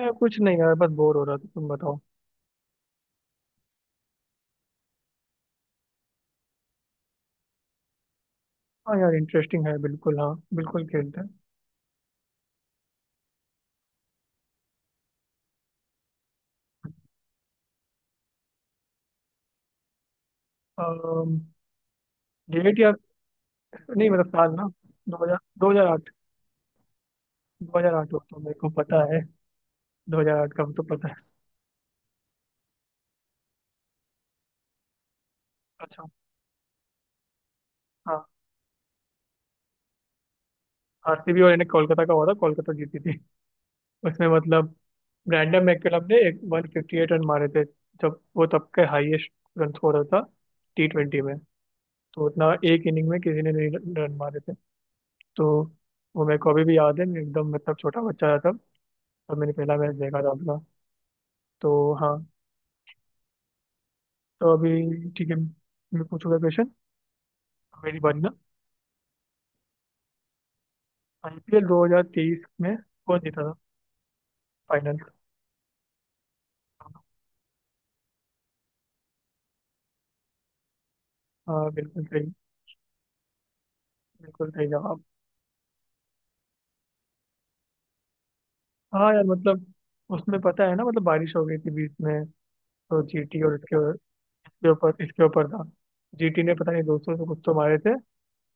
यार कुछ नहीं, यार बस बोर हो रहा था। तुम बताओ। हाँ यार, इंटरेस्टिंग है, बिल्कुल। हाँ बिल्कुल खेलते हैं। डेट या? नहीं मतलब साल ना। दो हजार आठ। 2008 हुआ था, मेरे को पता है। 2008 का तो पता है। अच्छा। हाँ, आरसीबी और यानी कोलकाता का हुआ था, कोलकाता जीती थी। उसमें मतलब ब्रैंडम मैकलम ने एक 158 रन मारे थे। जब वो तब के हाईएस्ट रन स्कोरर था टी ट्वेंटी में। तो उतना एक इनिंग में किसी ने नहीं रन रन मारे थे। तो वो मेरे को अभी भी याद है, मैं एकदम मतलब छोटा बच्चा था। और मैंने पहला मैच देखा था अपना। तो हाँ। तो अभी ठीक है, मैं पूछूंगा क्वेश्चन। मेरी बारी ना। आईपीएल 2023 में कौन जीता था फाइनल? हाँ, बिल्कुल सही। बिल्कुल सही जवाब। हाँ यार मतलब। उसमें पता है ना, मतलब बारिश हो गई थी बीच में। तो जीटी और इसके इसके ऊपर था। जीटी ने पता नहीं 200 से कुछ तो मारे थे,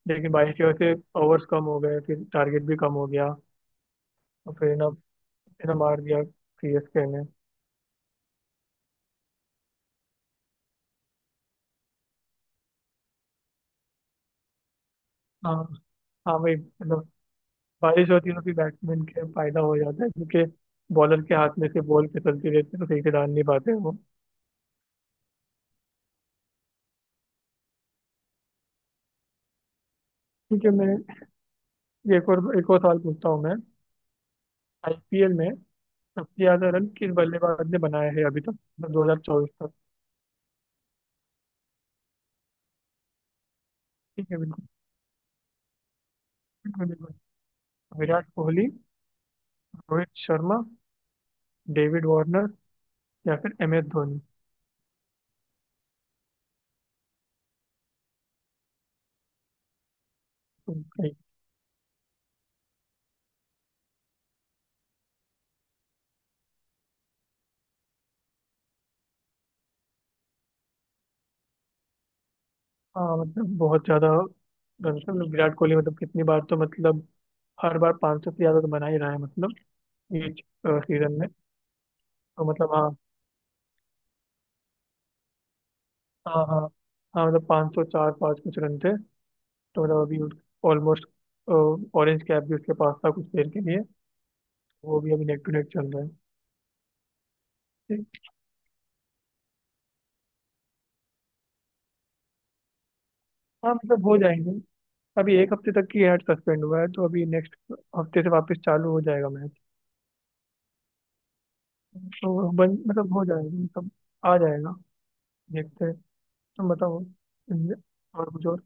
लेकिन बारिश की वजह से ओवर्स कम हो गए, फिर टारगेट भी कम हो गया। और फिर ना मार दिया सीएसके ने। हाँ, हाँ भाई मतलब, बारिश होती है तो फिर बैट्समैन के फायदा हो जाता है, क्योंकि बॉलर के हाथ में से बॉल फिसलती रहती है, तो सही से डाल नहीं पाते वो। ठीक है, मैं ये एक और सवाल पूछता हूँ मैं। आईपीएल में सबसे ज्यादा रन किस बल्लेबाज ने बनाया है अभी तक, मतलब 2024 तक? ठीक है, बिल्कुल बिल्कुल बिल्कुल। विराट कोहली, रोहित शर्मा, डेविड वार्नर, या फिर एम एस धोनी। तो कहीं- हाँ मतलब बहुत ज्यादा रन से, मतलब विराट कोहली मतलब कितनी बार तो मतलब हर बार 500 से ज्यादा तो बना ही रहा है मतलब, ये सीजन में। तो मतलब हाँ, हाँ, हाँ। हाँ मतलब 500 चार पाँच कुछ रन थे। तो मतलब अभी ऑलमोस्ट ऑरेंज कैप भी उसके पास था कुछ देर के लिए। वो भी अभी नेक टू नेक चल रहा है। ठीक। हाँ मतलब हो जाएंगे। अभी एक हफ्ते तक की हैट सस्पेंड हुआ है, तो अभी नेक्स्ट हफ्ते से वापस चालू हो जाएगा मैच। तो बन मतलब हो जाएगा मतलब, आ जाएगा, देखते हैं। तुम बताओ इंडिया और कुछ और।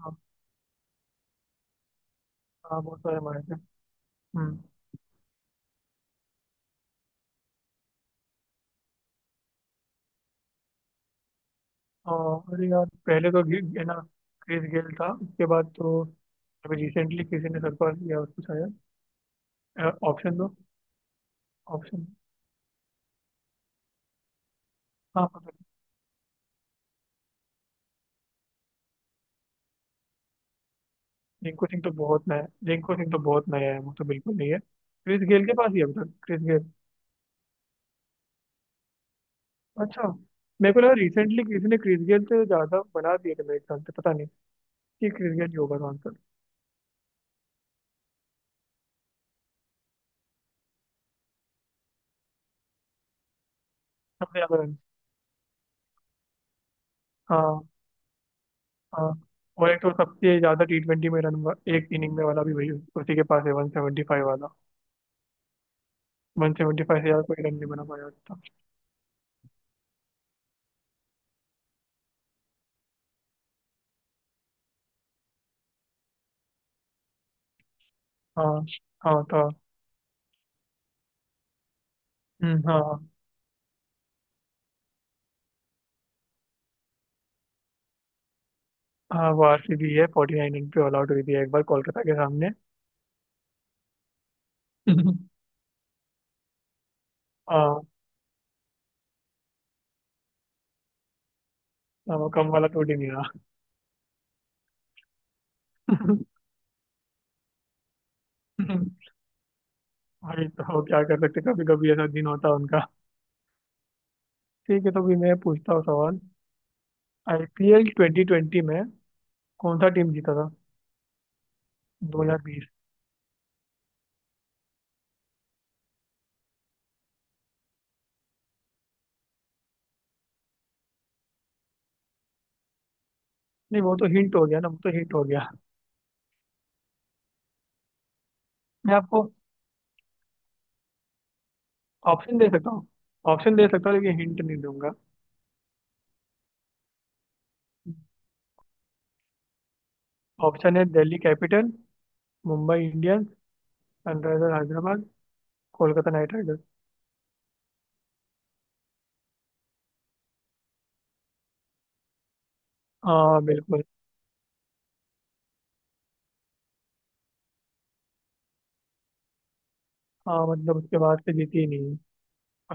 हाँ, हाँ, बहुत सारे मारे थे। हम्म। हाँ, अरे यार पहले तो ये ना, क्रिस गेल था, उसके बाद तो अभी रिसेंटली किसी ने सरपास किया उसको शायद। ऑप्शन दो। ऑप्शन। हाँ, पता नहीं। रिंकू सिंह तो बहुत नया, रिंकू सिंह तो बहुत नया है, वो तो बिल्कुल नहीं है। क्रिस गेल के पास ही है अब तक, क्रिस गेल। अच्छा, मेरे को लगा रिसेंटली किसी ने क्रिस गेल से ज़्यादा बना दिए थे मेरे ख्याल से, पता नहीं कि क्रिस गेल ही होगा तो आंसर। सबसे ज़्यादा रन। हाँ। हाँ। और एक तो सबसे ज़्यादा टी ट्वेंटी में रन एक इनिंग में वाला भी वही उसी के पास है, 175 वाला। 175 से यार कोई रन नहीं बना पाया था। हाँ। हाँ था। हाँ। हाँ, वो आरसीबी है, 49 रन पे ऑल आउट हुई थी एक बार कोलकाता के सामने। हाँ, हाँ, वो कम वाला टूट ही नहीं रहा। भाई तो क्या कर सकते, कभी कभी ऐसा दिन होता है उनका। ठीक है, तो भी मैं पूछता हूँ सवाल। आईपीएल 2020 में कौन सा टीम जीता था? 2020। नहीं, वो तो हिंट हो गया ना, वो तो हिंट हो गया। मैं आपको ऑप्शन दे सकता हूँ, ऑप्शन दे सकता हूँ, लेकिन हिंट नहीं दूंगा। ऑप्शन है, Delhi Capital, Mumbai Indians, Sunriser Hyderabad, Kolkata Knight Riders. हाँ, बिल्कुल। हाँ मतलब उसके बाद से जीती ही नहीं,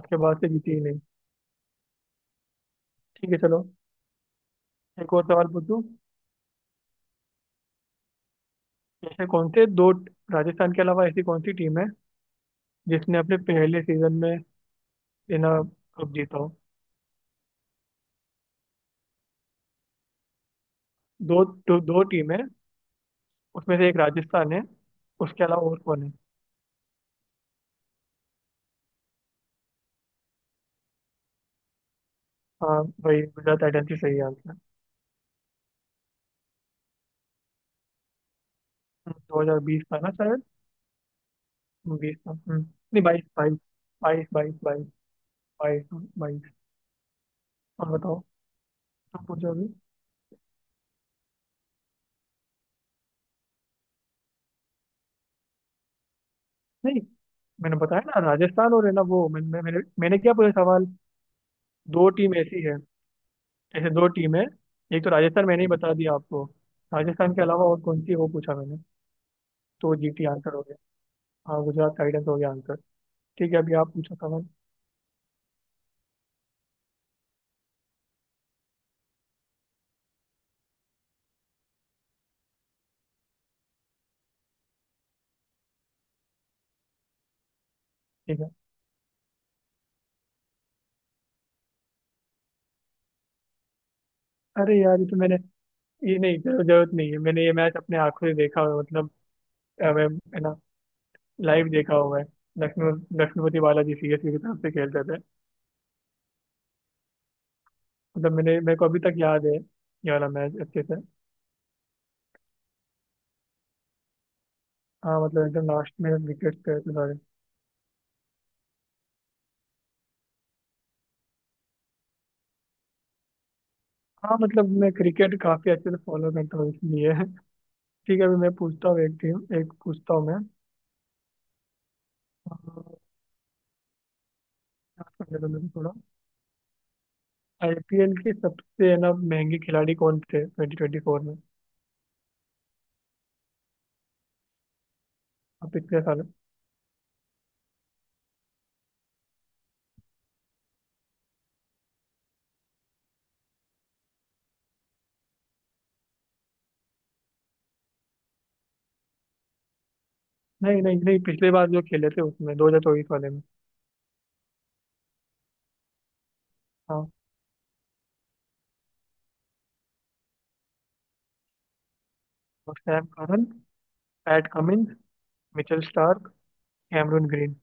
उसके बाद से जीती ही नहीं। ठीक है चलो, एक और सवाल पूछूं। ऐसे कौन से दो, राजस्थान के अलावा ऐसी कौन सी टीम है जिसने अपने पहले सीजन में बिना कप जीता हो? दो दो, दो टीम है। उसमें से एक राजस्थान है, उसके अलावा और कौन है? हाँ, वही गुजरात टाइटंस ही सही आंसर है। 2020 था ना शायद। बीस था, हम्म। नहीं, बाईस बाईस, बाईस बाईस बाईस, बाईस बाईस। और बताओ, तुम पूछो अभी। नहीं, मैंने बताया ना राजस्थान, और है ना वो, मैंने क्या पूछा सवाल? दो टीम ऐसी है, ऐसे दो टीम है। एक तो राजस्थान मैंने ही बता दिया आपको। राजस्थान के अलावा और कौन सी है, वो पूछा मैंने। तो जीटी आंसर हो गया। हाँ, गुजरात टाइटंस हो गया आंसर। ठीक है अभी आप पूछो सवाल। ठीक है, अरे यार ये तो मैंने ये नहीं जरूरत नहीं है, मैंने ये मैच अपने आंखों से देखा हुआ है, मतलब मैं, है ना, लाइव देखा हुआ है। लक्ष्मी लक्ष्मीपति बालाजी सीएसके की तरफ से खेलते थे। मतलब मैंने, मेरे को अभी तक याद है ये वाला मैच अच्छे से। हाँ मतलब एकदम लास्ट में विकेट गए थे सारे। हाँ मतलब मैं क्रिकेट काफी अच्छे से फॉलो करता हूँ इसलिए। ठीक है अभी मैं पूछता हूँ, एक टीम एक पूछता हूँ मैं। अह, याद करने दो मेरे को थोड़ा। आईपीएल के सबसे है ना महंगे खिलाड़ी कौन थे 2024 में? अब पिछले साल। नहीं नहीं नहीं, पिछले बार जो खेले थे उसमें, 2024 वाले में। हाँ, और Sam Curran, Pat Cummins, Mitchell Starc, Cameron Green.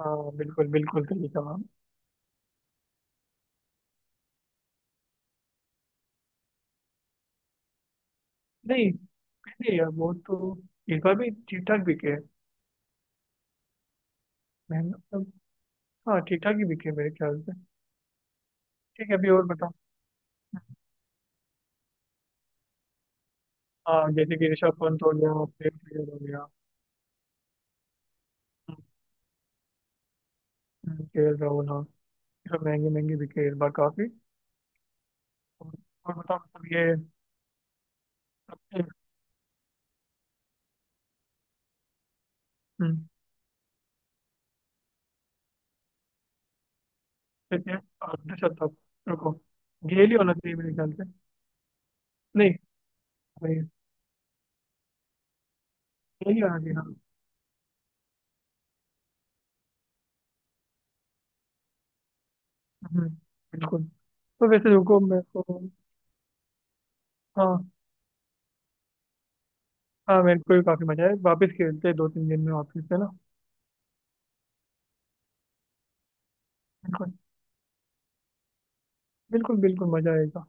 हाँ बिल्कुल, बिल्कुल सही जवाब। नहीं नहीं यार, वो तो इस बार भी ठीक ठाक बिके हैं। महंगा। हाँ, ठीक ठाक ही बिके मेरे ख्याल से। ठीक है अभी और बताओ। हाँ जैसे कि ऋषभ पंत हो गया, प्लेयर प्लेयर हो गया। के एल राहुल, हाँ। ये सब महंगे महंगे बिके इस बार काफी। और, और बताओ मतलब ये। हम्म, जैसे, ऋषभ तक, रुको। गेल ही होना चाहिए मेरे ख्याल से। नहीं नहीं। गेल ही होना चाहिए, हाँ। हम्म, बिल्कुल। तो वैसे रुको मेरे को। हाँ, हाँ मेरे को भी काफी मजा आया, वापस खेलते हैं दो तीन दिन में, वापस है ना। बिल्कुल, बिल्कुल बिल्कुल मजा आएगा।